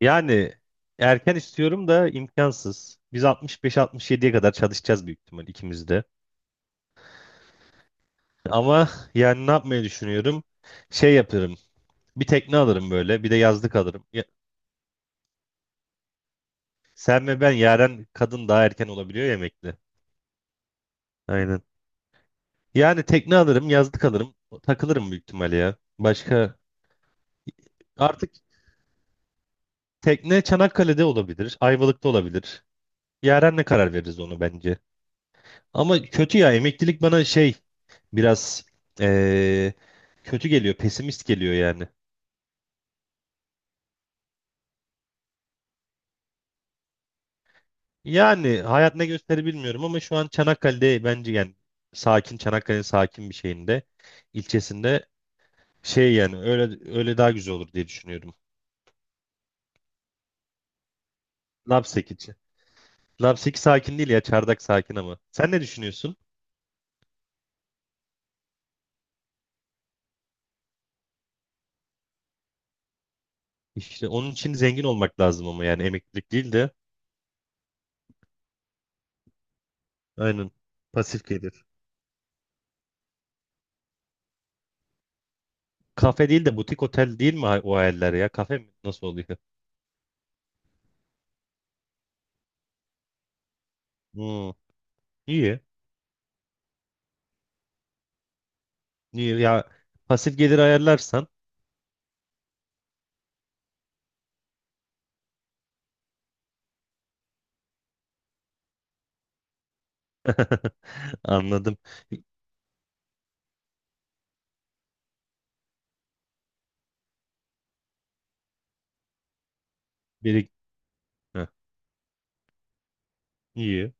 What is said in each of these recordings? Yani erken istiyorum da imkansız. Biz 65-67'ye kadar çalışacağız büyük ihtimal ikimiz de. Ama yani ne yapmayı düşünüyorum? Şey yaparım. Bir tekne alırım böyle. Bir de yazlık alırım. Sen ve ben, Yaren kadın daha erken olabiliyor yemekli. Aynen. Yani tekne alırım, yazlık alırım. Takılırım büyük ihtimal ya. Başka artık tekne Çanakkale'de olabilir. Ayvalık'ta olabilir. Yaren'le karar veririz onu bence. Ama kötü ya, emeklilik bana biraz eee, kötü geliyor, pesimist geliyor yani. Yani hayat ne gösterir bilmiyorum ama şu an Çanakkale'de bence, yani sakin Çanakkale'nin sakin bir şeyinde, ilçesinde, yani öyle öyle daha güzel olur diye düşünüyorum. Lapseki için. Lapseki sakin değil ya, Çardak sakin ama. Sen ne düşünüyorsun? İşte onun için zengin olmak lazım, ama yani emeklilik değil de aynen, pasif gelir. Kafe değil de butik otel değil mi, o hayaller ya? Kafe mi? Nasıl oluyor? Hmm, iyi. İyi, ya pasif gelir ayarlarsan. Anladım. Birik Heh, iyi.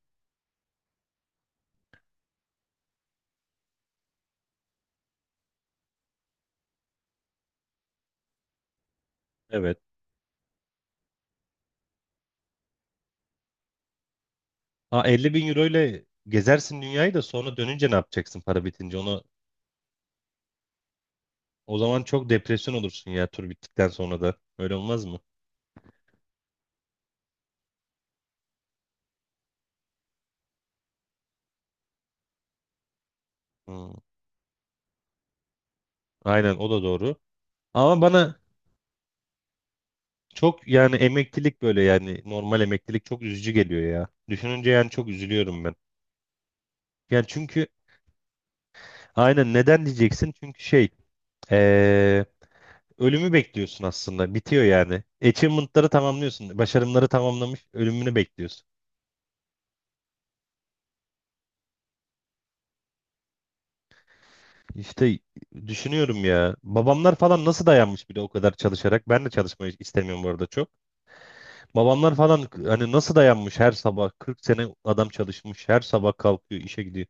Evet. Aa, 50 bin euro ile gezersin dünyayı da, sonra dönünce ne yapacaksın para bitince? Onu o zaman çok depresyon olursun ya tur bittikten sonra da. Öyle olmaz mı? Hmm, aynen, o da doğru. Ama bana çok, yani emeklilik böyle, yani normal emeklilik çok üzücü geliyor ya. Düşününce yani çok üzülüyorum ben. Yani çünkü aynen, neden diyeceksin? Çünkü ee, ölümü bekliyorsun aslında. Bitiyor yani. Achievement'ları tamamlıyorsun. Başarımları tamamlamış, ölümünü bekliyorsun. İşte düşünüyorum ya. Babamlar falan nasıl dayanmış bir de o kadar çalışarak. Ben de çalışmayı istemiyorum bu arada çok. Babamlar falan hani nasıl dayanmış, her sabah 40 sene adam çalışmış. Her sabah kalkıyor, işe gidiyor.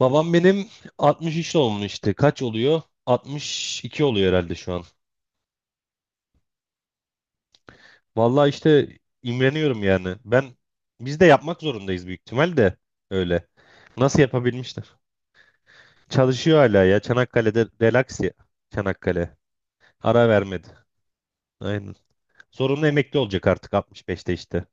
Babam benim 63 doğumlu işte. Kaç oluyor? 62 oluyor herhalde şu an. Vallahi işte imreniyorum yani. Biz de yapmak zorundayız büyük ihtimal de öyle. Nasıl yapabilmişler? Çalışıyor hala ya. Çanakkale'de relax ya. Çanakkale. Ara vermedi. Aynen. Zorunlu emekli olacak artık 65'te işte.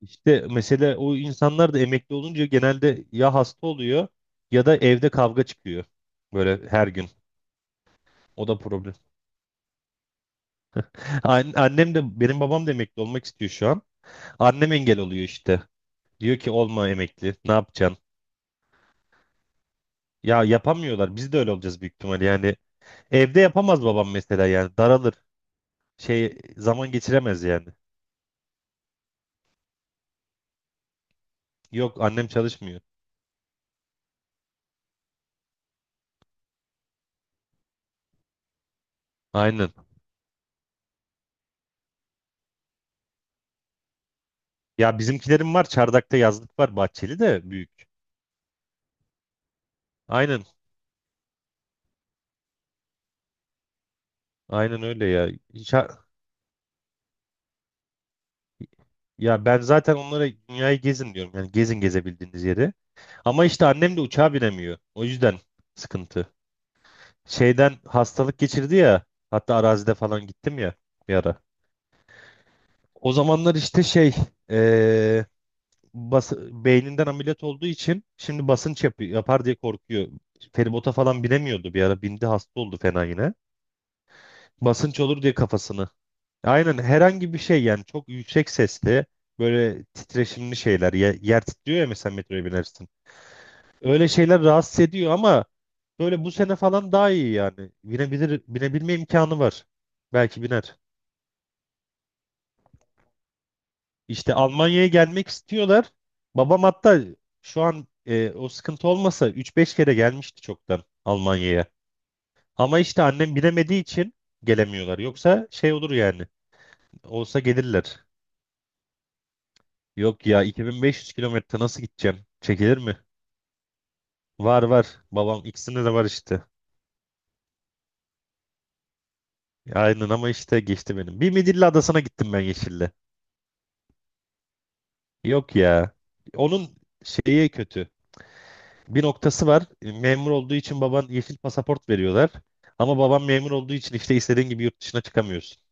İşte mesele, o insanlar da emekli olunca genelde ya hasta oluyor ya da evde kavga çıkıyor. Böyle her gün. O da problem. Annem de, benim babam da emekli olmak istiyor şu an. Annem engel oluyor işte. Diyor ki olma emekli. Ne yapacaksın? Ya yapamıyorlar. Biz de öyle olacağız büyük ihtimal. Yani evde yapamaz babam mesela, yani daralır. Zaman geçiremez yani. Yok annem çalışmıyor. Aynen. Ya bizimkilerim var. Çardak'ta yazlık var. Bahçeli de büyük. Aynen. Aynen öyle ya. Ya ben zaten onlara dünyayı gezin diyorum. Yani gezin gezebildiğiniz yeri. Ama işte annem de uçağa binemiyor. O yüzden sıkıntı. Şeyden hastalık geçirdi ya. Hatta arazide falan gittim ya bir ara. O zamanlar işte eee, beyninden ameliyat olduğu için şimdi basınç yapar diye korkuyor. Feribota falan binemiyordu bir ara. Bindi, hasta oldu fena yine. Basınç olur diye kafasını. Aynen, herhangi bir şey yani, çok yüksek sesli böyle titreşimli şeyler, yer titriyor ya mesela metroya binersin. Öyle şeyler rahatsız ediyor, ama böyle bu sene falan daha iyi yani. Binebilir, binebilme imkanı var. Belki biner. İşte Almanya'ya gelmek istiyorlar. Babam hatta şu an o sıkıntı olmasa üç beş kere gelmişti çoktan Almanya'ya. Ama işte annem binemediği için gelemiyorlar. Yoksa şey olur yani. Olsa gelirler. Yok ya, 2500 kilometre nasıl gideceğim? Çekilir mi? Var var. Babam ikisinde de var işte. Aynen, ama işte geçti benim. Bir Midilli Adası'na gittim ben Yeşil'le. Yok ya. Onun şeyi kötü. Bir noktası var. Memur olduğu için baban, yeşil pasaport veriyorlar. Ama babam memur olduğu için işte istediğin gibi yurt dışına çıkamıyorsun.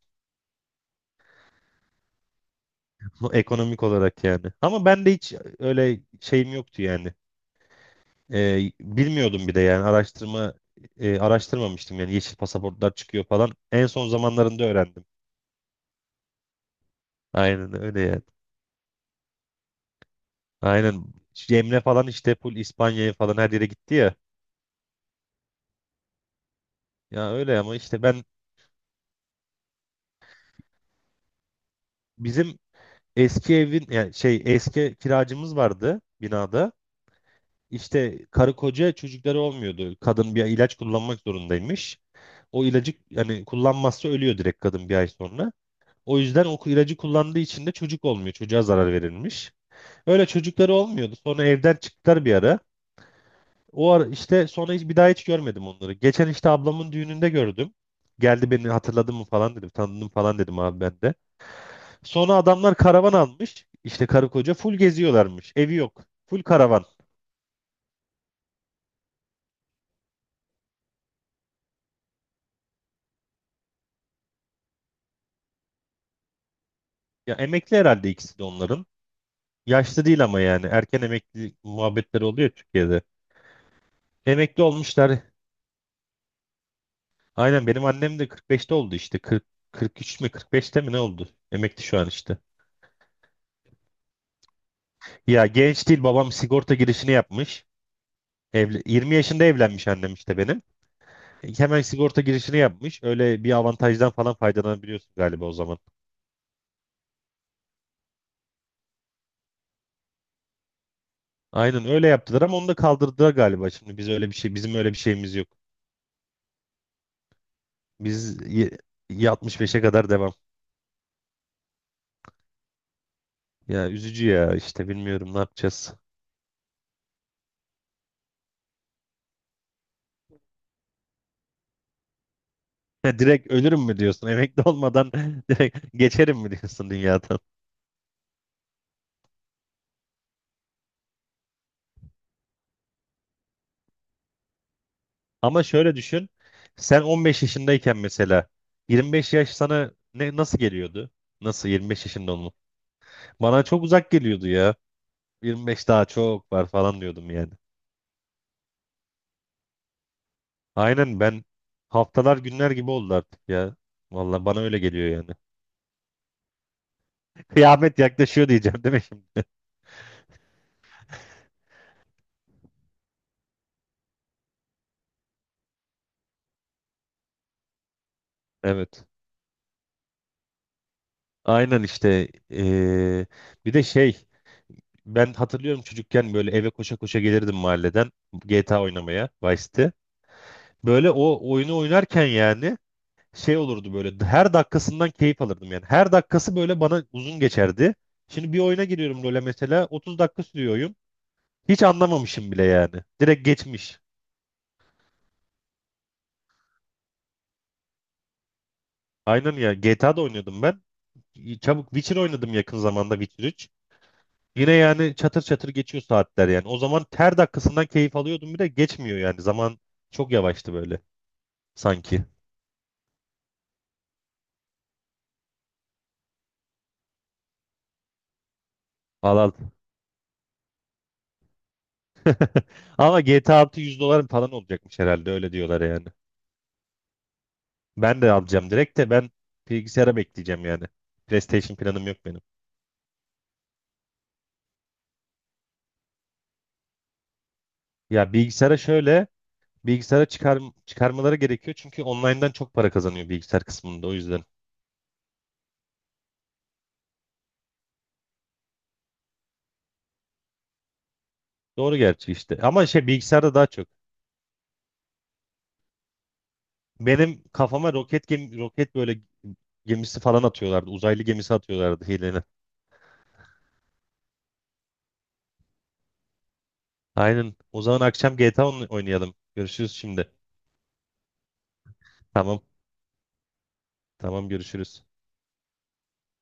Bu ekonomik olarak yani. Ama ben de hiç öyle şeyim yoktu yani. E, bilmiyordum bir de yani araştırmamıştım yani yeşil pasaportlar çıkıyor falan. En son zamanlarında öğrendim. Aynen öyle yani. Aynen. Şu Emre falan işte full İspanya'ya falan her yere gitti ya. Ya öyle, ama işte ben bizim eski evin yani, eski kiracımız vardı binada. İşte karı koca, çocukları olmuyordu. Kadın bir ilaç kullanmak zorundaymış. O ilacı yani kullanmazsa ölüyor direkt kadın bir ay sonra. O yüzden o ilacı kullandığı için de çocuk olmuyor. Çocuğa zarar verilmiş. Öyle çocukları olmuyordu. Sonra evden çıktılar bir ara. O ara işte sonra hiç bir daha hiç görmedim onları. Geçen işte ablamın düğününde gördüm. Geldi, beni hatırladın mı falan dedim. Tanıdın falan dedim abi ben de. Sonra adamlar karavan almış. İşte karı koca full geziyorlarmış. Evi yok. Full karavan. Ya emekli herhalde ikisi de onların. Yaşlı değil ama yani. Erken emekli muhabbetleri oluyor Türkiye'de. Emekli olmuşlar. Aynen benim annem de 45'te oldu işte. 40, 43 mi 45'te mi ne oldu? Emekli şu an işte. Ya genç değil, babam sigorta girişini yapmış. Evli, 20 yaşında evlenmiş annem işte benim. Hemen sigorta girişini yapmış. Öyle bir avantajdan falan faydalanabiliyorsun galiba o zaman. Aynen öyle yaptılar, ama onu da kaldırdılar galiba. Şimdi biz öyle bir şey bizim öyle bir şeyimiz yok. Biz 65'e kadar devam. Ya üzücü ya işte, bilmiyorum ne yapacağız. Direkt ölürüm mü diyorsun? Emekli olmadan direkt geçerim mi diyorsun dünyada? Ama şöyle düşün. Sen 15 yaşındayken mesela 25 yaş sana nasıl geliyordu? Nasıl 25 yaşında olmak? Bana çok uzak geliyordu ya. 25 daha çok var falan diyordum yani. Aynen ben, haftalar günler gibi oldu artık ya. Vallahi bana öyle geliyor yani. Kıyamet yaklaşıyor diyeceğim değil mi şimdi? Evet. Aynen işte. Bir de ben hatırlıyorum çocukken böyle eve koşa koşa gelirdim mahalleden, GTA oynamaya, Vice City. Böyle o oyunu oynarken yani şey olurdu, böyle her dakikasından keyif alırdım yani. Her dakikası böyle bana uzun geçerdi. Şimdi bir oyuna giriyorum LoL'e mesela, 30 dakika sürüyor oyun. Hiç anlamamışım bile yani. Direkt geçmiş. Aynen ya, GTA'da oynuyordum ben. Çabuk Witcher oynadım yakın zamanda, Witcher 3. Yine yani çatır çatır geçiyor saatler yani. O zaman her dakikasından keyif alıyordum, bir de geçmiyor yani. Zaman çok yavaştı böyle sanki. Al al. Ama GTA 6 100 dolar falan olacakmış herhalde, öyle diyorlar yani. Ben de alacağım direkt, de ben bilgisayara bekleyeceğim yani. PlayStation planım yok benim. Ya bilgisayara şöyle, bilgisayara çıkar, çıkarmaları gerekiyor çünkü online'dan çok para kazanıyor bilgisayar kısmında, o yüzden. Doğru gerçi işte, ama bilgisayarda daha çok. Benim kafama roket böyle gemisi falan atıyorlardı. Uzaylı gemisi atıyorlardı hilene. Aynen. O zaman akşam GTA oynayalım. Görüşürüz şimdi. Tamam. Tamam görüşürüz.